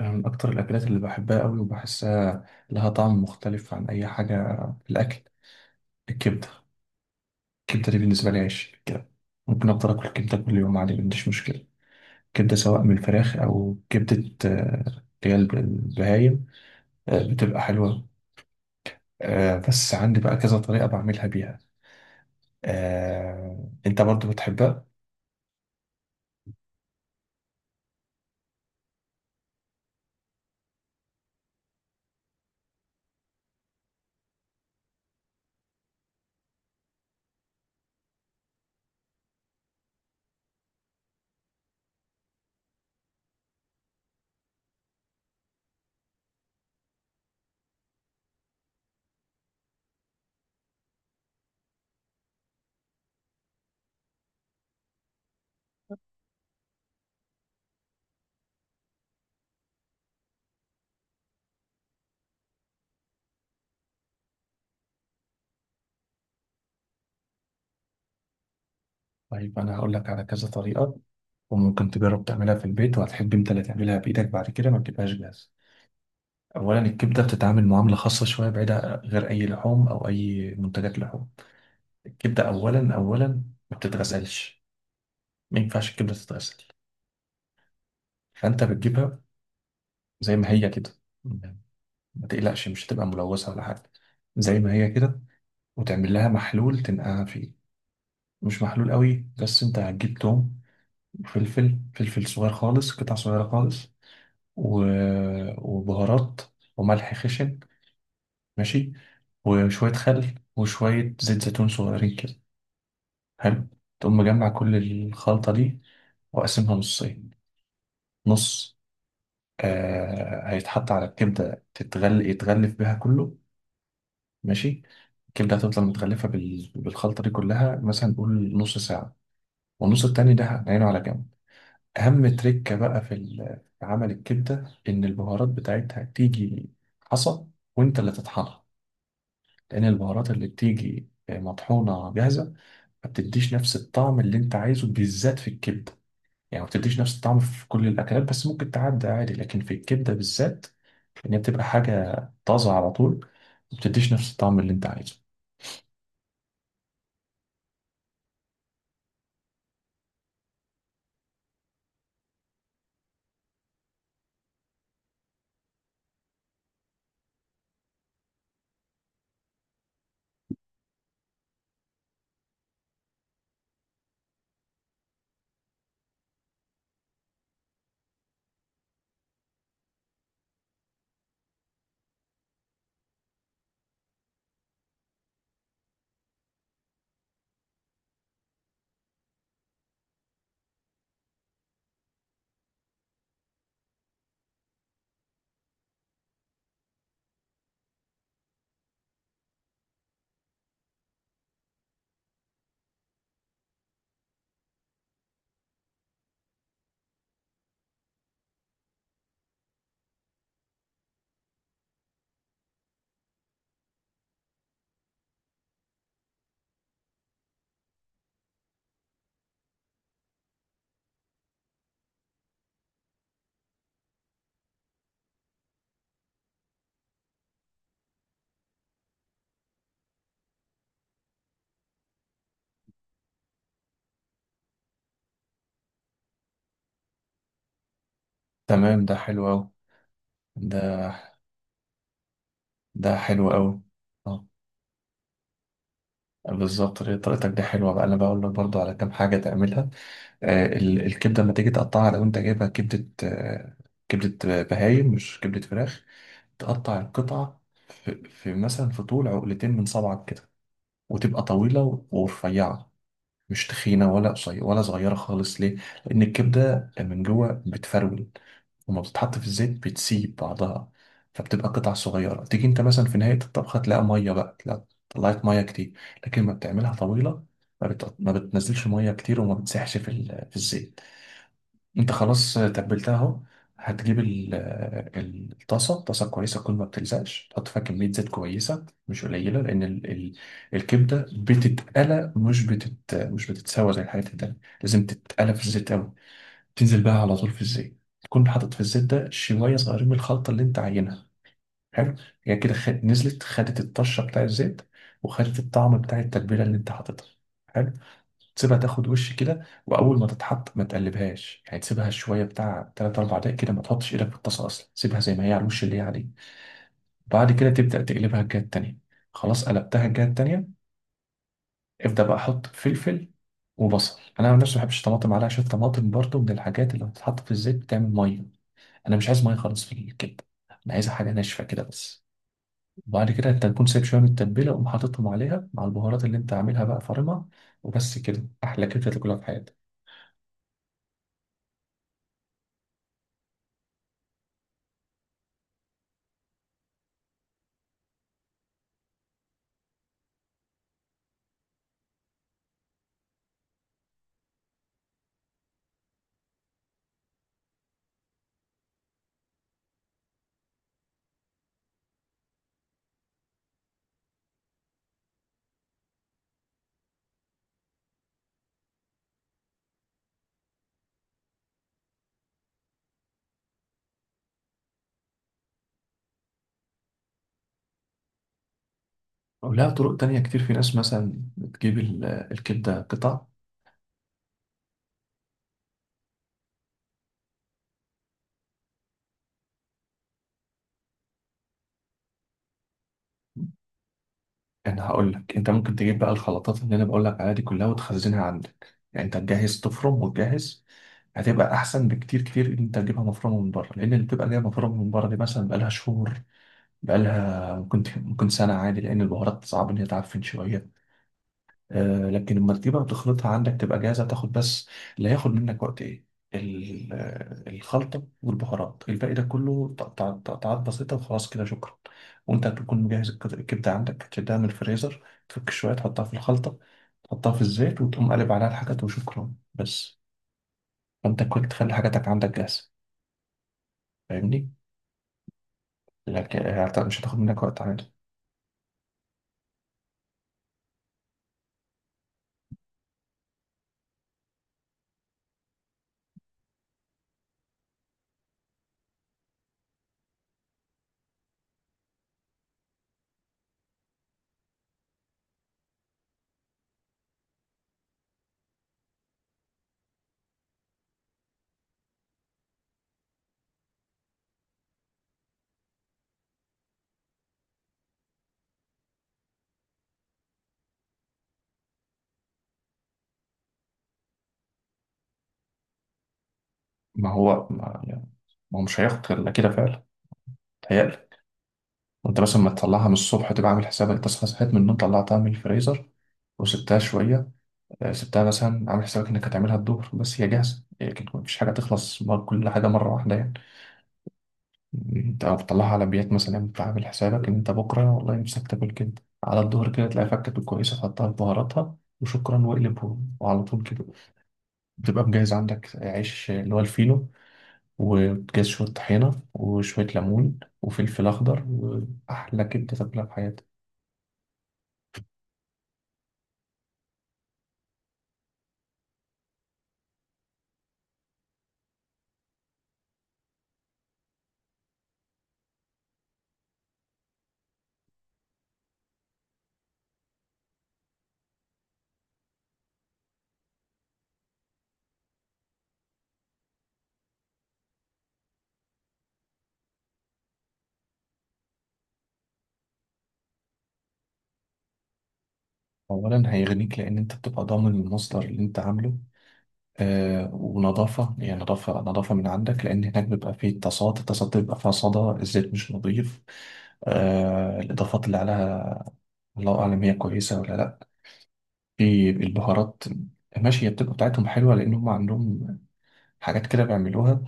من أكتر الأكلات اللي بحبها أوي وبحسها لها طعم مختلف عن أي حاجة في الأكل، الكبدة. الكبدة دي بالنسبة لي عيش كده، ممكن أفضل آكل كبدة كل يوم عادي، ما عنديش مشكلة. كبدة سواء من الفراخ أو كبدة، اللي هي البهايم، بتبقى حلوة. بس عندي بقى كذا طريقة بعملها بيها. أنت برضو بتحبها؟ طيب أنا هقول لك على كذا طريقة، وممكن تجرب تعملها في البيت وهتحب أنت اللي تعملها بإيدك بعد كده، ما تبقاش جاهزة. اولا الكبده بتتعامل معامله خاصه شويه بعيده غير اي لحوم او اي منتجات لحوم. الكبده اولا ما بتتغسلش، ما ينفعش الكبده تتغسل. فانت بتجيبها زي ما هي كده، ما تقلقش مش هتبقى ملوثه ولا حاجه، زي ما هي كده، وتعمل لها محلول تنقعها فيه. مش محلول قوي، بس انت هتجيب توم، وفلفل صغير خالص، قطع صغيره خالص، و... وبهارات وملح خشن، ماشي، وشويه خل وشويه زيت زيتون صغيرين كده. حلو. تقوم مجمع كل الخلطة دي وأقسمها نصين. نص، هيتحط على الكبدة تتغل يتغلف بها كله، ماشي. الكبدة هتفضل متغلفة بالخلطة دي كلها مثلا نقول نص ساعة، والنص التاني ده هنعينه على جنب. أهم تريكة بقى في عمل الكبدة إن البهارات بتاعتها تيجي حصى، وأنت اللي تطحنها، لأن البهارات اللي بتيجي مطحونة جاهزة ما بتديش نفس الطعم اللي أنت عايزه بالذات في الكبدة. يعني ما بتديش نفس الطعم في كل الأكلات بس ممكن تعدي عادي، لكن في الكبدة بالذات، إن هي بتبقى حاجة طازة على طول، ما بتديش نفس الطعم اللي أنت عايزه. تمام، ده حلو أوي. ده ده حلو أوي. اه، بالظبط هي طريقتك دي حلوة. بقى أنا بقول لك برضو على كام حاجة تعملها. آه، الكبدة لما تيجي تقطعها، لو أنت جايبها كبدة، آه، كبدة بهايم مش كبدة فراخ، تقطع القطعة في مثلا في طول عقلتين من صبعك كده، وتبقى طويلة ورفيعة، مش تخينة ولا قصيرة ولا صغيرة خالص. ليه؟ لأن الكبدة من جوه بتفرول، وما بتتحط في الزيت بتسيب بعضها، فبتبقى قطع صغيرة، تيجي أنت مثلا في نهاية الطبخة تلاقي مية، بقى تلاقي طلعت مية كتير. لكن ما بتعملها طويلة، ما بتنزلش مية كتير، وما بتسيحش في الزيت. انت خلاص تبلتها اهو. هتجيب الطاسه، طاسه كويسه تكون ما بتلزقش، تحط فيها كميه زيت كويسه مش قليله، لان ال ال الكبده بتتقلى، مش بتتسوى زي الحاجات التانيه، لازم تتقلى في الزيت قوي. تنزل بقى على طول في الزيت، تكون حاطط في الزيت ده شويه صغيرين من الخلطه اللي انت عاينها. حلو. هي كده نزلت خدت الطشه بتاع الزيت، وخدت الطعم بتاع التتبيله اللي انت حاططها. حلو. تسيبها تاخد وش كده، واول ما تتحط ما تقلبهاش، يعني تسيبها شويه بتاع 3 4 دقايق كده، ما تحطش ايدك في الطاسه اصلا، سيبها زي ما هي على الوش اللي هي عليه. بعد كده تبدا تقلبها الجهه التانيه. خلاص قلبتها الجهه التانيه، ابدا بقى حط فلفل وبصل. انا عن نفسي ما بحبش الطماطم عليها، عشان الطماطم برضو من الحاجات اللي بتتحط في الزيت بتعمل ميه، انا مش عايز ميه خالص في الكبده، انا عايزها حاجه ناشفه كده بس. وبعد كده انت تكون سايب شويه من التتبيله وقوم حاططهم عليها مع البهارات اللي انت عاملها بقى فارمها، وبس كده احلى كبده تاكلها في حياتك. ولها طرق تانية كتير، في ناس مثلا بتجيب الكبدة قطع. أنا هقول لك، أنت ممكن تجيب بقى الخلطات اللي أنا بقول لك عليها دي كلها وتخزنها عندك، يعني أنت تجهز تفرم وتجهز. هتبقى أحسن بكتير إن أنت تجيبها مفرومة من بره، لأن اللي بتبقى جاية مفرومة من بره دي مثلا بقالها شهور، بقالها ممكن سنة عادي، لأن البهارات صعب إن هي تعفن شوية. لكن لما تجيبها وتخلطها عندك تبقى جاهزة تاخد بس. اللي هياخد منك وقت ايه؟ الخلطة والبهارات. الباقي ده كله تقطعات بسيطة وخلاص كده شكرا. وانت هتكون مجهز الكبدة عندك، هتشدها من الفريزر، تفك شوية تحطها في الخلطة، تحطها في الزيت وتقوم قلب عليها الحاجات وشكرا بس. فانت كنت تخلي حاجاتك عندك جاهزة، فاهمني؟ لكن مش هتاخد منك وقت عادي. ما هو ما هو مش هياخد إلا كده فعلا، تهيألي. وانت مثلا ما تطلعها من الصبح، تبقى عامل حسابك تصحى، صحيت من النوم طلعتها من الفريزر وسبتها شوية، سبتها مثلا عامل حسابك انك هتعملها الظهر، بس هي جاهزة، لكن مفيش حاجة تخلص كل حاجة مرة واحدة يعني. انت لو بتطلعها على بيات مثلا، انت عامل حسابك ان انت بكرة والله نفسك تاكل كده على الظهر كده، تلاقي فكة كويسة تحطها في بهاراتها وشكرا واقلب وعلى طول كده. بتبقى مجهز عندك عيش اللي هو الفينو، وبتجهز شوية طحينة وشوية ليمون وفلفل أخضر، وأحلى كبدة تاكلها في حياتك. أولا هيغنيك لأن أنت بتبقى ضامن المصدر اللي أنت عامله، آه، ونظافة، يعني نظافة من عندك، لأن هناك بيبقى فيه تصاد، التصاد بيبقى فيها صدى، الزيت مش نظيف، آه. الإضافات اللي عليها الله أعلم هي كويسة ولا لأ، في البهارات. ماشي، هي بتبقى بتاعتهم حلوة لأن هم عندهم حاجات كده بيعملوها،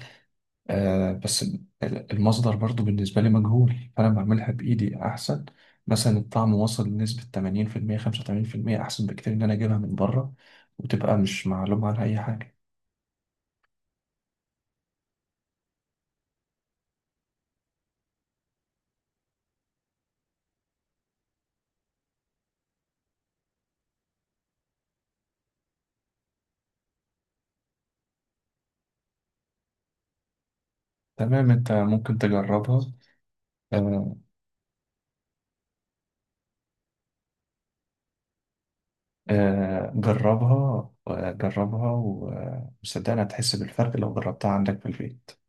آه، بس المصدر برضو بالنسبة لي مجهول، فأنا بعملها بإيدي أحسن. مثلا الطعم وصل لنسبة 80% 85%، أحسن بكتير إن أنا أجيبها من بره وتبقى مش معلوم عنها أي حاجة. تمام، أنت ممكن تجربها. آه، آه، جربها، جربها وصدقني هتحس بالفرق لو جربتها عندك في البيت.